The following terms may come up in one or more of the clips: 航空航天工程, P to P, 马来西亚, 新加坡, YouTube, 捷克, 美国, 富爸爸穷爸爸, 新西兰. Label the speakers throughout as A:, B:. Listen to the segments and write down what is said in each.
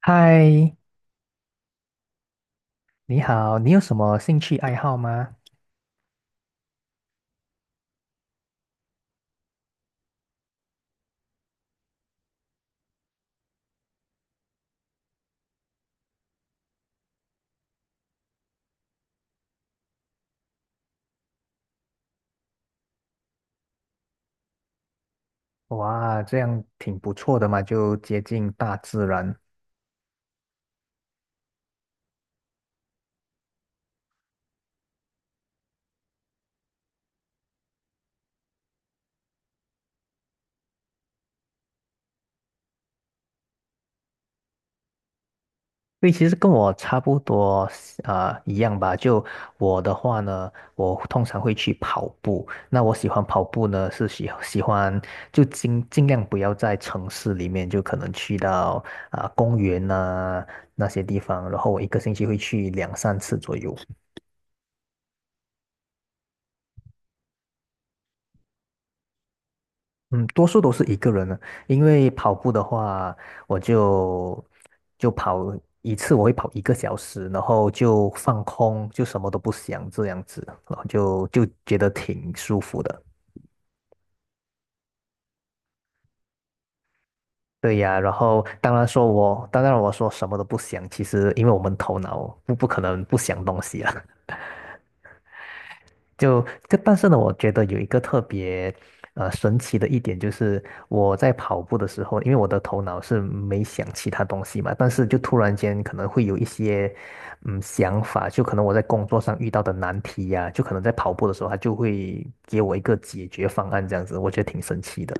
A: 嗨，你好，你有什么兴趣爱好吗？哇，这样挺不错的嘛，就接近大自然。对，其实跟我差不多啊，一样吧。就我的话呢，我通常会去跑步。那我喜欢跑步呢，是喜欢就尽量不要在城市里面，就可能去到公园呐、那些地方，然后我一个星期会去两三次左右。嗯，多数都是一个人的，因为跑步的话，我就跑一次，我会跑一个小时，然后就放空，就什么都不想这样子，然后就觉得挺舒服的。对呀，然后当然说我，当然我说什么都不想，其实因为我们头脑不可能不想东西啊。就但是呢，我觉得有一个特别神奇的一点，就是我在跑步的时候，因为我的头脑是没想其他东西嘛，但是就突然间可能会有一些想法，就可能我在工作上遇到的难题呀、就可能在跑步的时候，它就会给我一个解决方案，这样子，我觉得挺神奇的。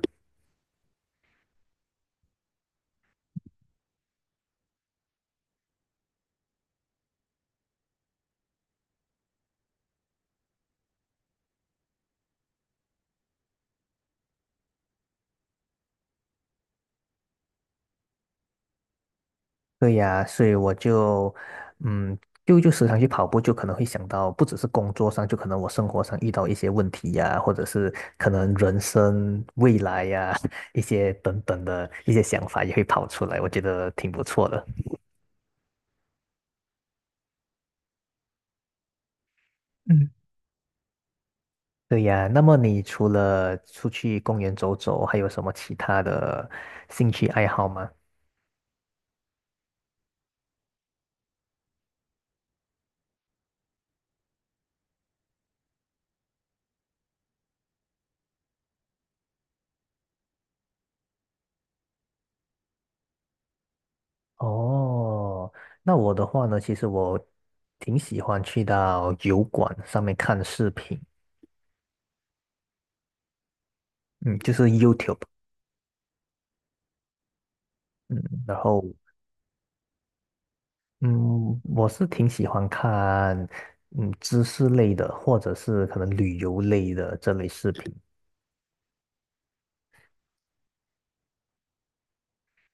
A: 对呀，所以我就，嗯，就时常去跑步，就可能会想到，不只是工作上，就可能我生活上遇到一些问题呀，或者是可能人生未来呀，一些等等的一些想法也会跑出来，我觉得挺不错的。嗯。对呀，那么你除了出去公园走走，还有什么其他的兴趣爱好吗？哦，那我的话呢，其实我挺喜欢去到油管上面看视频，嗯，就是 YouTube，嗯，然后嗯，我是挺喜欢看知识类的，或者是可能旅游类的这类视频，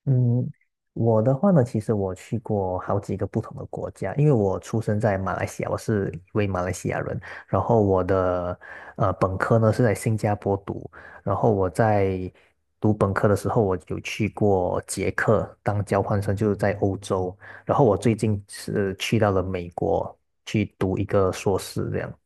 A: 嗯，我的话呢，其实我去过好几个不同的国家，因为我出生在马来西亚，我是一位马来西亚人。然后我的本科呢是在新加坡读，然后我在读本科的时候，我有去过捷克当交换生，就是在欧洲。然后我最近是去到了美国去读一个硕士，这样。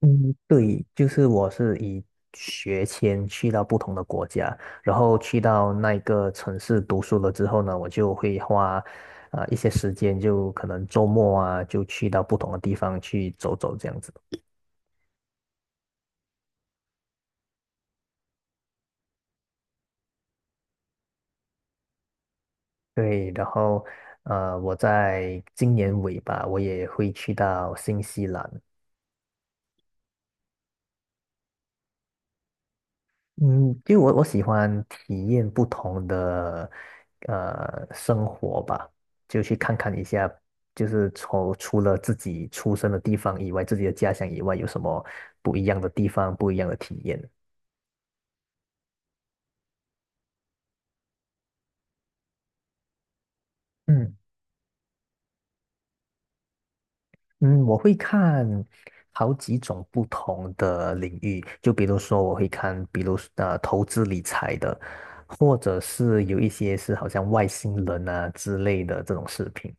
A: 嗯，对，就是我是以学签去到不同的国家，然后去到那一个城市读书了之后呢，我就会花一些时间，就可能周末啊，就去到不同的地方去走走这样子。对，然后我在今年尾吧，我也会去到新西兰。嗯，就我喜欢体验不同的生活吧，就去看看一下，就是从除了自己出生的地方以外，自己的家乡以外，有什么不一样的地方，不一样的体验。嗯嗯，我会看好几种不同的领域，就比如说我会看，比如投资理财的，或者是有一些是好像外星人啊之类的这种视频。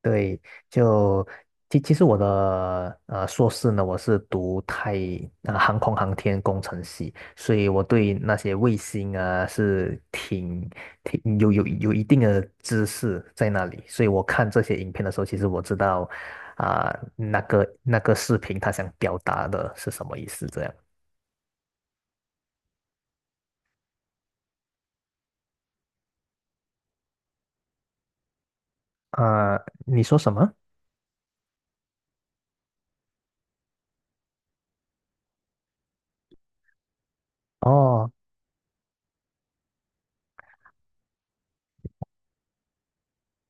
A: 对，就其实我的硕士呢，我是读航空航天工程系，所以我对那些卫星啊是挺有一定的知识在那里，所以我看这些影片的时候，其实我知道啊、那个视频它想表达的是什么意思，这样啊、你说什么？哦。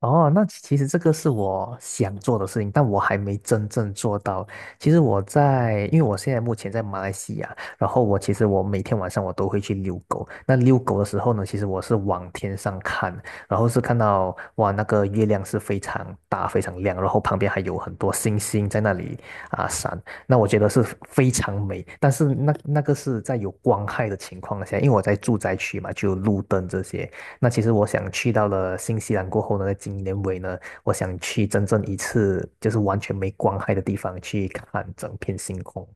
A: 哦，那其实这个是我想做的事情，但我还没真正做到。其实我在，因为我现在目前在马来西亚，然后我其实我每天晚上我都会去遛狗。那遛狗的时候呢，其实我是往天上看，然后是看到哇，那个月亮是非常大、非常亮，然后旁边还有很多星星在那里闪。那我觉得是非常美，但是那个是在有光害的情况下，因为我在住宅区嘛，就有路灯这些。那其实我想去到了新西兰过后呢，今年尾呢，我想去真正一次就是完全没光害的地方去看整片星空。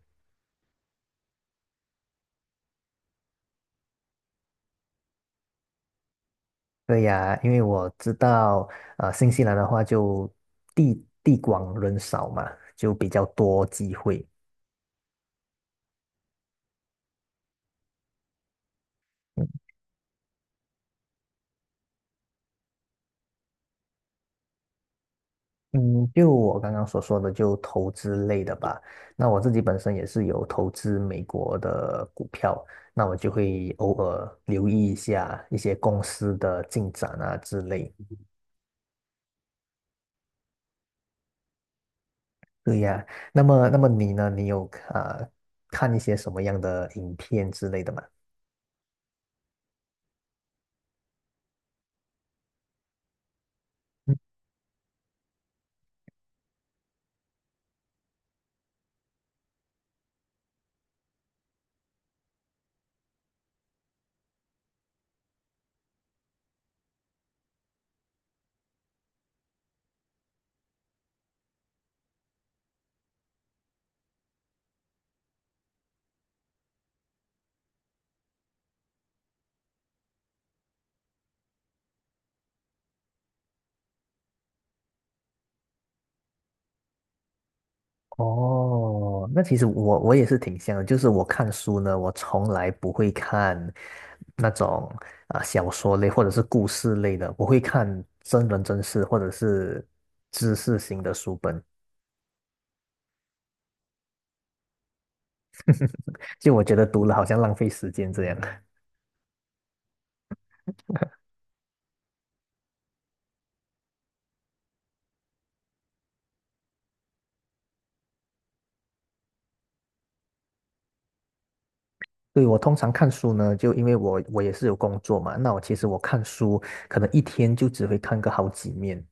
A: 对呀，因为我知道，新西兰的话就地广人少嘛，就比较多机会。嗯，就我刚刚所说的，就投资类的吧。那我自己本身也是有投资美国的股票，那我就会偶尔留意一下一些公司的进展啊之类。对呀，那么你呢？你有啊呃看一些什么样的影片之类的吗？嗯哦，那其实我也是挺像的，就是我看书呢，我从来不会看那种小说类或者是故事类的，我会看真人真事或者是知识型的书本，就我觉得读了好像浪费时间这样。对，我通常看书呢，就因为我也是有工作嘛，那我其实我看书可能一天就只会看个好几面。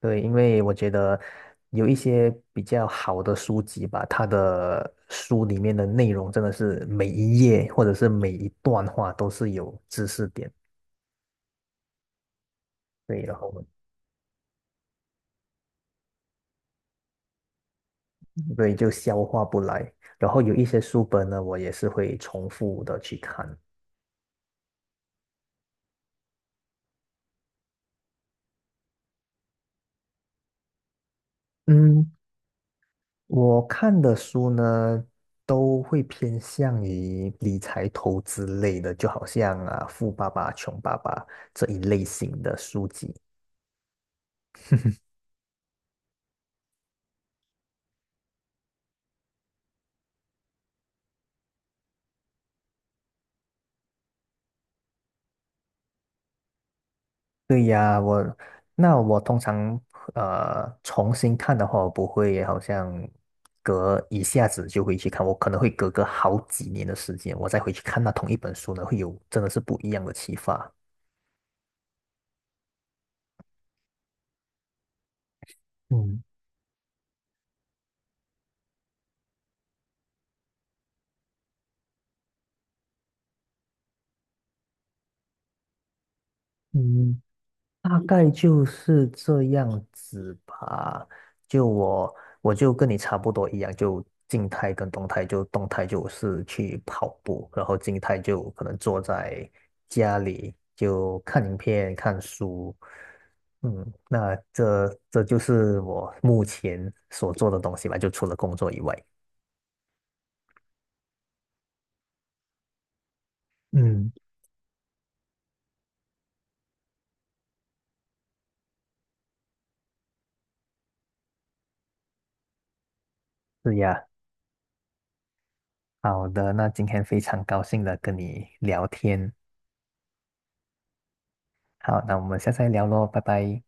A: 对，因为我觉得有一些比较好的书籍吧，它的书里面的内容真的是每一页或者是每一段话都是有知识点，对，然后嗯对就消化不来。然后有一些书本呢，我也是会重复的去看。嗯，我看的书呢，都会偏向于理财投资类的，就好像啊《富爸爸穷爸爸》这一类型的书籍。对呀，我那我通常重新看的话，我不会好像隔一下子就会去看，我可能会隔个好几年的时间，我再回去看那同一本书呢，会有真的是不一样的启发。嗯嗯，大概就是这样子吧。就我，我就跟你差不多一样，就静态跟动态，就动态就是去跑步，然后静态就可能坐在家里就看影片、看书。嗯，那这就是我目前所做的东西吧，就除了工作以外。嗯，是呀。好的，那今天非常高兴的跟你聊天。好，那我们下次再聊喽，拜拜。